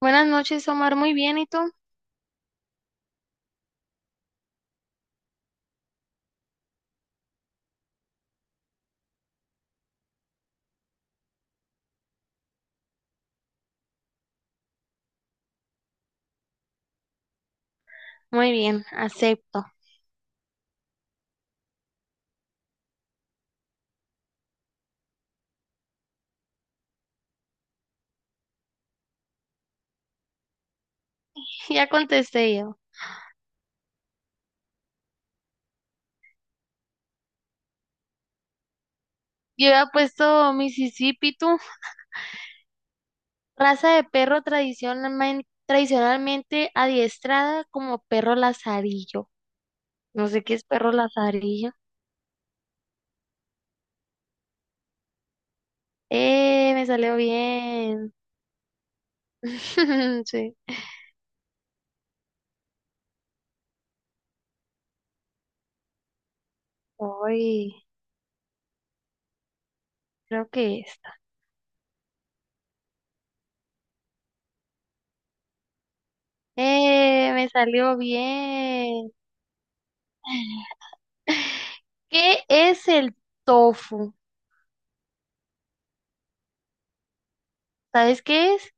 Buenas noches, Omar. Muy bien, ¿y tú? Muy bien, acepto. Ya contesté yo. Yo había puesto Mississippi, tú. Raza de perro tradicionalmente adiestrada como perro lazarillo. No sé qué es perro lazarillo. ¡Eh! Me salió bien. Sí. Uy, creo que esta. ¡Eh! Me salió bien. ¿Qué es el tofu? ¿Sabes qué es?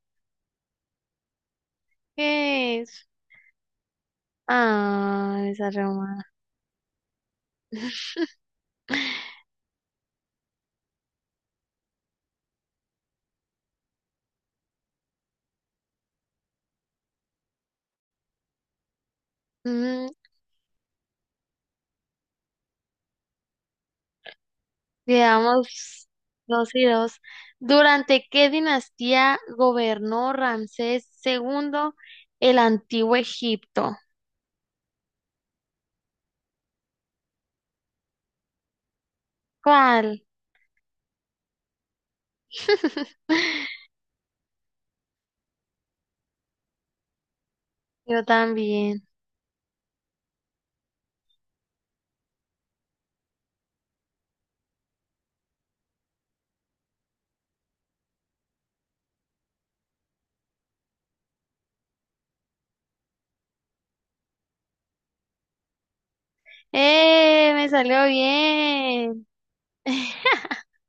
¿Qué es? Ah, esa Roma. Mm, veamos dos y dos. ¿Durante qué dinastía gobernó Ramsés segundo el antiguo Egipto? ¿Cuál? Yo también. ¡Eh! Me salió bien.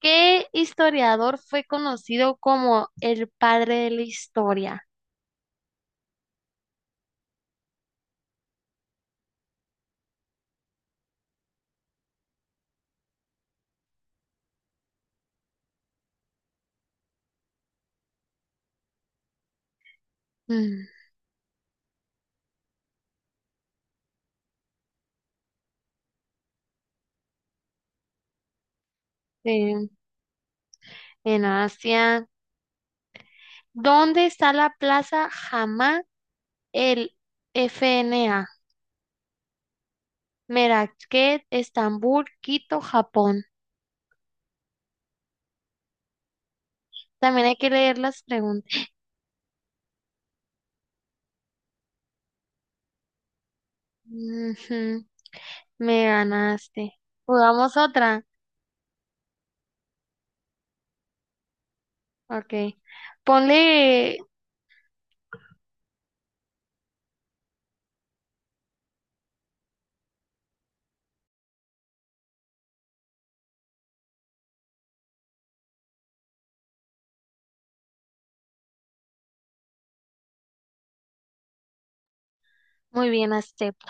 ¿Qué historiador fue conocido como el padre de la historia? Mm, sí, en Asia. ¿Dónde está la plaza el FNA, Merakech, Estambul, Quito, Japón? También hay que leer las preguntas. Ujú, me ganaste. ¿Jugamos otra? Ok. Ponle... Muy bien, acepto.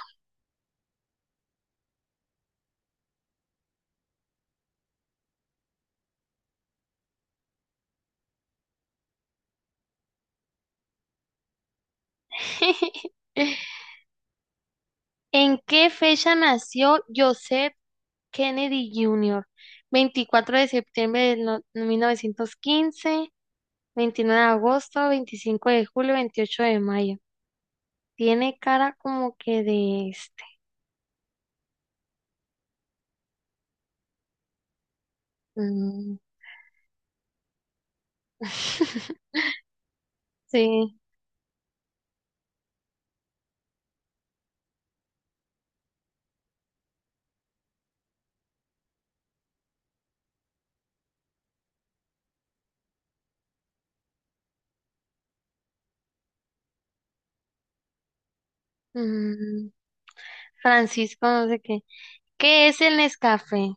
¿En qué fecha nació Joseph Kennedy Jr.? 24 de septiembre de 1915, 29 de agosto, 25 de julio, 28 de mayo. Tiene cara como que de mm. Sí. Mm, Francisco, no sé qué. ¿Qué es el Nescafé?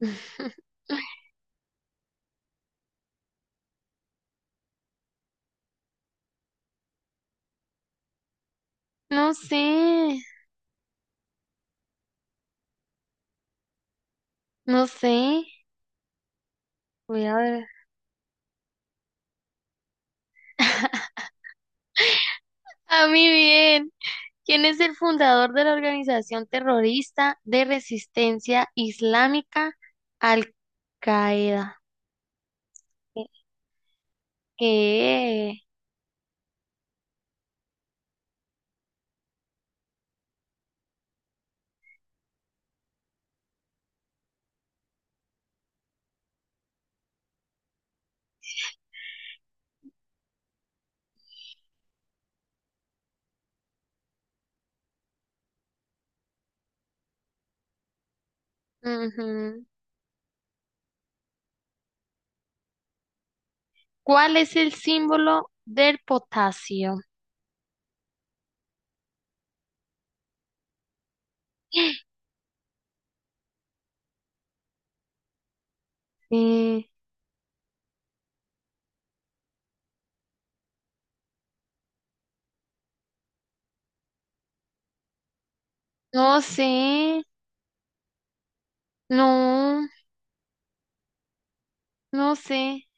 No sé, no sé. Voy a ver. A mí bien. ¿Quién es el fundador de la organización terrorista de resistencia islámica Al-Qaeda? ¿Qué? Ujú. ¿Cuál es el símbolo del potasio? Sí. No sé, no, no sé.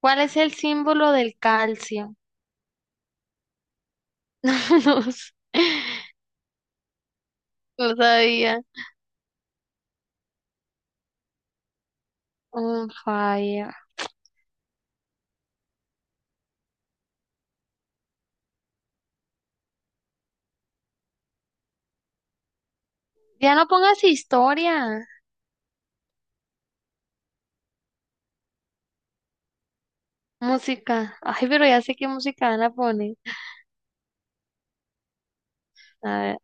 ¿Cuál es el símbolo del calcio? No, sé, no sabía. Un falla. Ya no pongas historia. Música. Ay, pero ya sé qué música van a poner. A ver,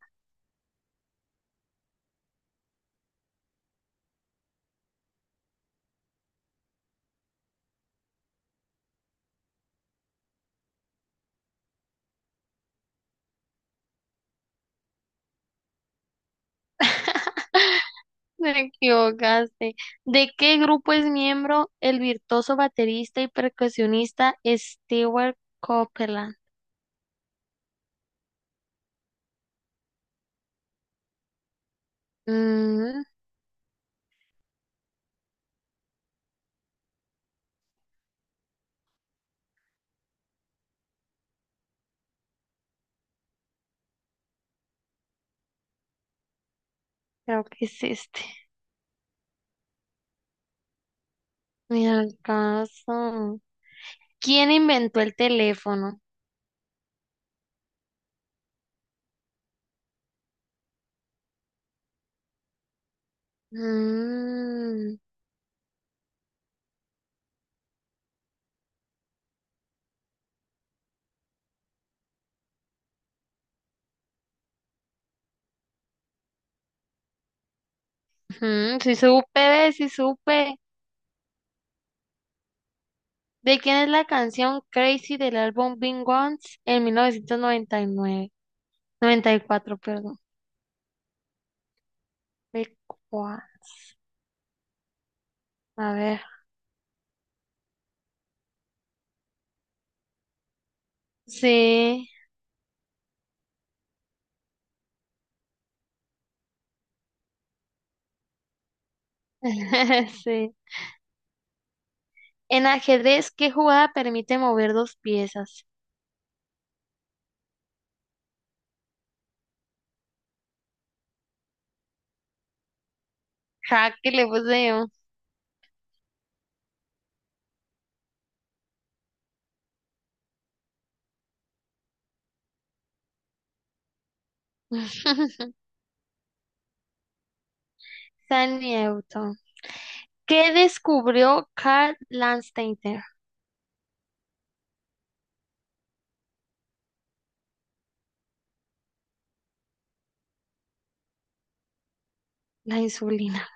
me equivocaste. ¿De qué grupo es miembro el virtuoso baterista y percusionista Stewart Copeland? Mm, creo que es este. Ni al caso. ¿Quién inventó el teléfono? Mm, ujú, sí supe, sí supe. ¿De quién es la canción Crazy del álbum Being Once en 1999? 94, perdón. Being Once. A ver. Sí. Sí. En ajedrez, ¿qué jugada permite mover dos piezas? Ja, que le puse yo. San Newton. ¿Qué descubrió Carl Landsteiner? La insulina.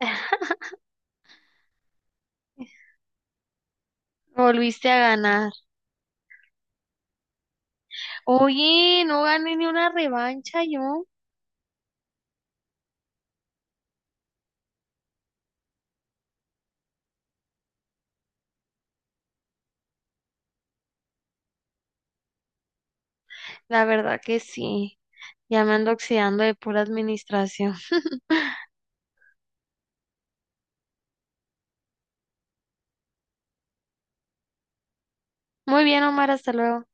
Volviste a ganar. Oye, no gané ni una revancha yo. La verdad que sí. Ya me ando oxidando de pura administración. Muy bien, Omar, hasta luego.